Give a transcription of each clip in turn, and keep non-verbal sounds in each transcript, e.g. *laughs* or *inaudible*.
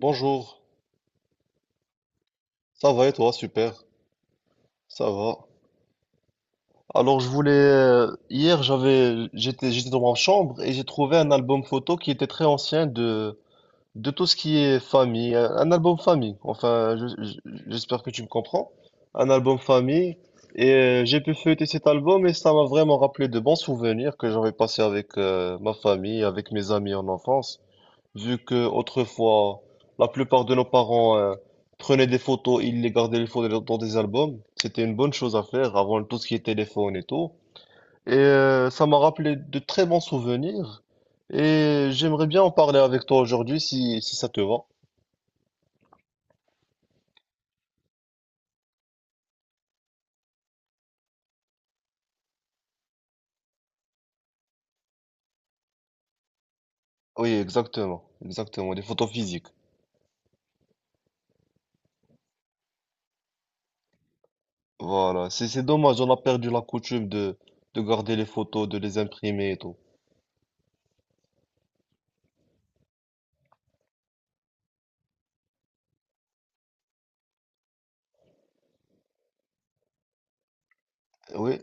Bonjour, ça va et toi? Super, ça va. Alors je voulais hier j'étais dans ma chambre et j'ai trouvé un album photo qui était très ancien de tout ce qui est famille, un album famille. Enfin, j'espère que tu me comprends. Un album famille et j'ai pu feuilleter cet album et ça m'a vraiment rappelé de bons souvenirs que j'avais passés avec ma famille, avec mes amis en enfance. Vu que autrefois, la plupart de nos parents prenaient des photos, ils les gardaient les photos dans des albums. C'était une bonne chose à faire avant tout ce qui est téléphone et tout. Et ça m'a rappelé de très bons souvenirs. Et j'aimerais bien en parler avec toi aujourd'hui si ça te va. Oui, exactement, exactement, des photos physiques. Voilà, c'est dommage, on a perdu la coutume de garder les photos, de les imprimer et tout. Oui,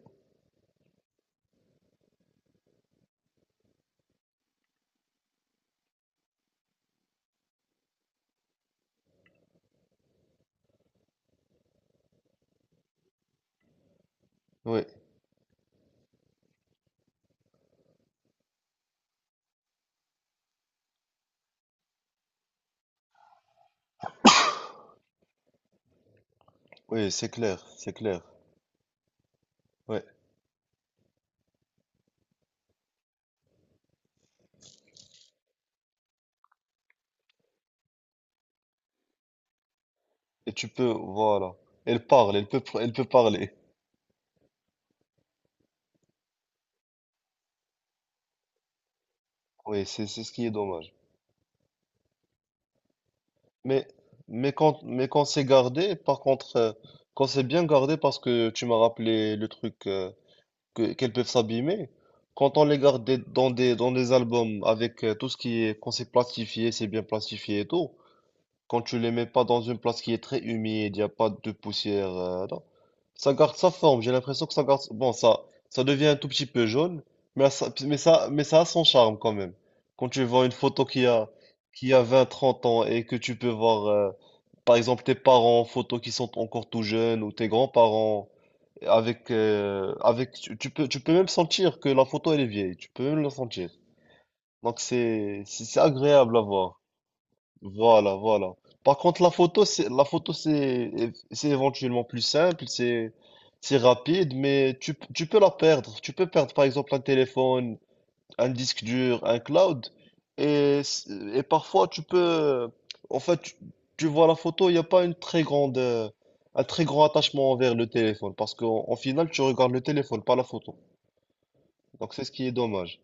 oui, oui, c'est clair, c'est clair. Oui. Et tu peux, voilà. Elle parle, elle peut, elle peut parler. Oui, c'est ce qui est dommage. Mais, mais quand c'est gardé, par contre, quand c'est bien gardé, parce que tu m'as rappelé le truc qu'elles peuvent s'abîmer, quand on les garde dans des albums avec tout ce qui est, quand c'est plastifié, c'est bien plastifié et tout, quand tu les mets pas dans une place qui est très humide, il n'y a pas de poussière, non. Ça garde sa forme, j'ai l'impression que ça garde... Bon, ça devient un tout petit peu jaune, mais ça a son charme quand même. Quand tu vois une photo qui a 20, 30 ans et que tu peux voir, par exemple, tes parents en photo qui sont encore tout jeunes ou tes grands-parents, tu peux même sentir que la photo elle est vieille, tu peux même le sentir. Donc c'est c'est agréable à voir. Voilà, voilà. Par contre, la photo, c'est éventuellement plus simple, c'est rapide, mais tu peux la perdre. Tu peux perdre, par exemple, un téléphone, un disque dur, un cloud, et c- et parfois tu peux, en fait, tu vois la photo, il n'y a pas une très grande, un très grand attachement envers le téléphone, parce qu'en en final, tu regardes le téléphone, pas la photo. Donc c'est ce qui est dommage.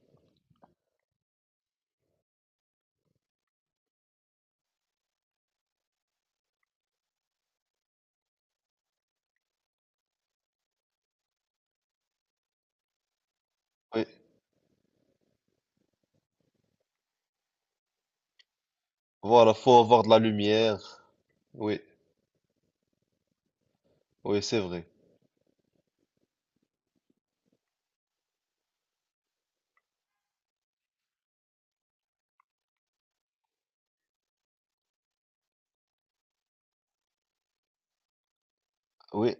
Oui, voilà, faut avoir de la lumière. Oui, oui, c'est vrai. Oui,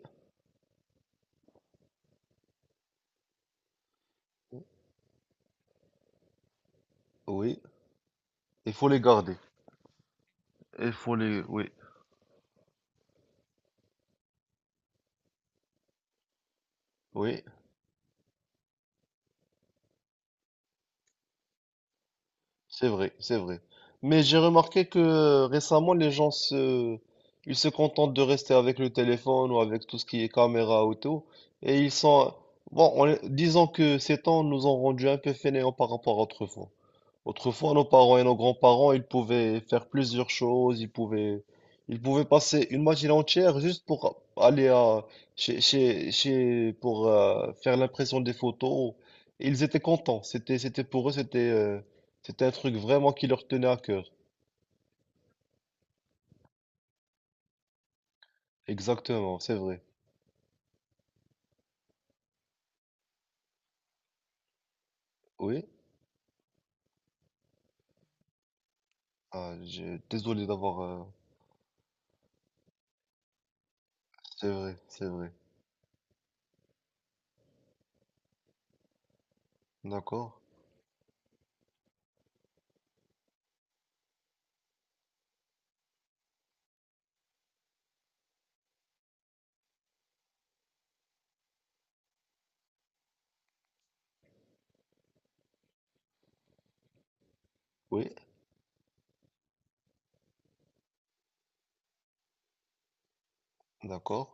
oui. Il faut les garder. Il faut les... Oui, oui, c'est vrai, c'est vrai. Mais j'ai remarqué que récemment, les gens se... Ils se contentent de rester avec le téléphone ou avec tout ce qui est caméra auto. Et ils sont... Bon, disons que ces temps nous ont rendu un peu fainéants par rapport à autrefois. Autrefois, nos parents et nos grands-parents, ils pouvaient faire plusieurs choses, ils pouvaient passer une matinée entière juste pour aller à, pour faire l'impression des photos. Et ils étaient contents. C'était, c'était pour eux, c'était un truc vraiment qui leur tenait à cœur. Exactement, c'est vrai. Oui? Ah, désolé d'avoir. C'est vrai, c'est vrai. D'accord. Oui, d'accord.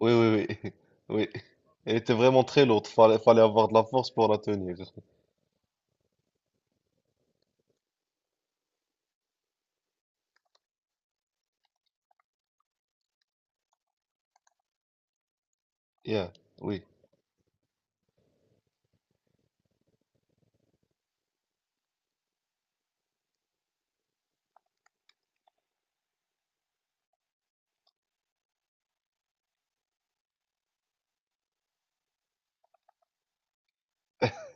Oui, oui, oui. *laughs* Oui. Elle était vraiment très lourde. Fallait avoir de la force pour la tenir. Yeah, oui.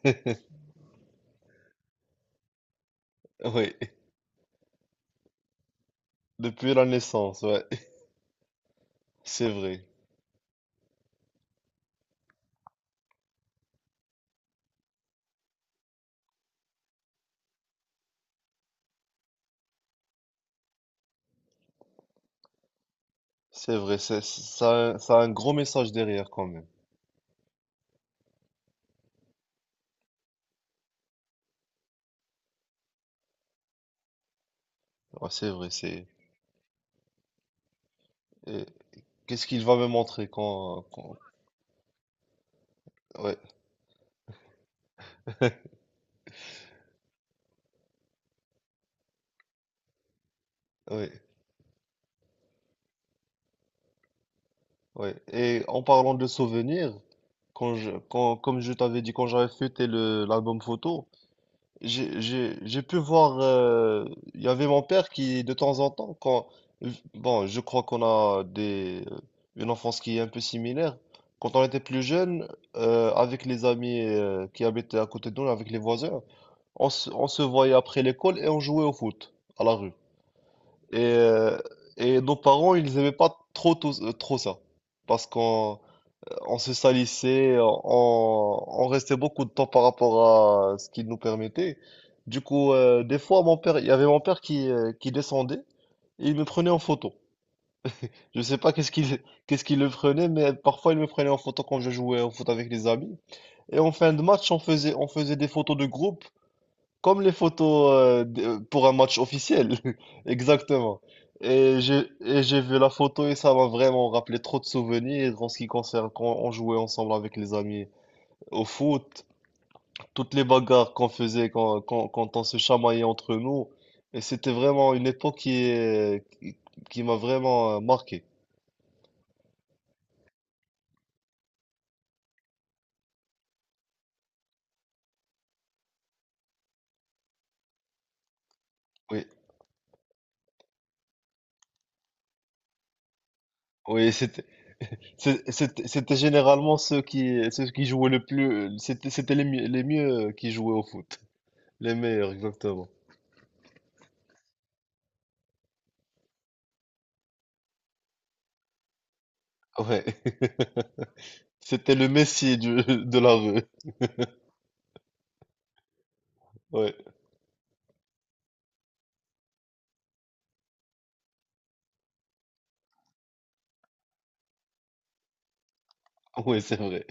*laughs* Oui, depuis la naissance, ouais. C'est vrai, ça a un gros message derrière quand même. Ouais, c'est vrai, c'est... et qu'est-ce qu'il va me montrer quand... Ouais, ouais, ouais. Et en parlant de souvenirs, comme je t'avais dit, quand j'avais fêté l'album photo, j'ai pu voir, il y avait mon père qui, de temps en temps, bon, je crois qu'on a une enfance qui est un peu similaire. Quand on était plus jeune, avec les amis qui habitaient à côté de nous, avec les voisins, on se voyait après l'école et on jouait au foot à la rue. Et, euh, et nos parents, ils aimaient pas trop, trop ça. Parce qu'on on se salissait, on restait beaucoup de temps par rapport à ce qu'il nous permettait. Du coup, des fois, mon père qui descendait et il me prenait en photo. Je sais pas qu'est-ce qu'il *laughs* qu'est-ce qu'il le prenait, mais parfois il me prenait en photo quand je jouais au foot avec les amis. Et en fin de match, on faisait des photos de groupe, comme les photos pour un match officiel. *laughs* Exactement. Et j'ai vu la photo et ça m'a vraiment rappelé trop de souvenirs en ce qui concerne quand on jouait ensemble avec les amis. Au foot, toutes les bagarres qu'on faisait quand on se chamaillait entre nous, et c'était vraiment une époque qui m'a vraiment marqué. Oui, oui, c'était, c'est- c'était c'était généralement ceux qui jouaient le plus, c'était les mieux qui jouaient au foot, les meilleurs, exactement. Ouais, *laughs* c'était le Messi de la rue. Ouais, ouais, c'est vrai.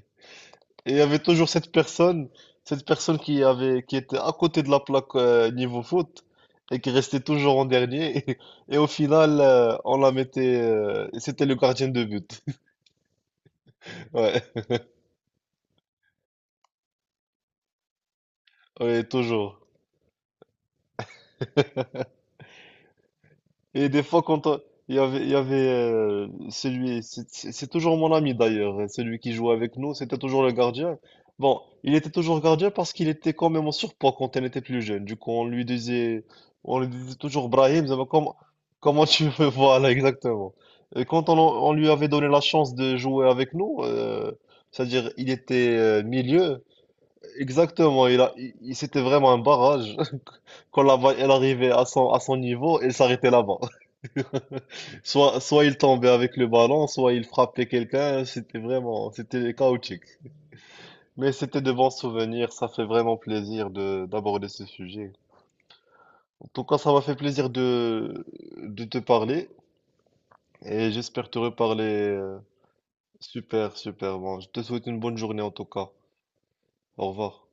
Et il y avait toujours cette personne qui était à côté de la plaque niveau foot et qui restait toujours en dernier. *laughs* Et, au final, on la mettait. Et c'était le gardien de but. *laughs* Ouais, ouais, toujours. Et des fois, il y avait c'est toujours mon ami d'ailleurs, celui qui jouait avec nous, c'était toujours le gardien. Bon, il était toujours gardien parce qu'il était quand même en surpoids quand on était plus jeune. Du coup, on lui disait toujours Brahim, comment tu veux, *laughs* voilà, exactement. Et quand on lui avait donné la chance de jouer avec nous, c'est-à-dire il était milieu, exactement, il a, il, il- c'était vraiment un barrage. *laughs* Quand la balle elle arrivait à à son niveau, elle s'arrêtait là-bas. *laughs* Soit, soit il tombait avec le ballon, soit il frappait quelqu'un. C'était vraiment, c'était chaotique. Mais c'était de bons souvenirs. Ça fait vraiment plaisir de d'aborder ce sujet. En tout cas, ça m'a fait plaisir de te parler et j'espère te reparler. Super, super. Bon, je te souhaite une bonne journée en tout cas. Au revoir.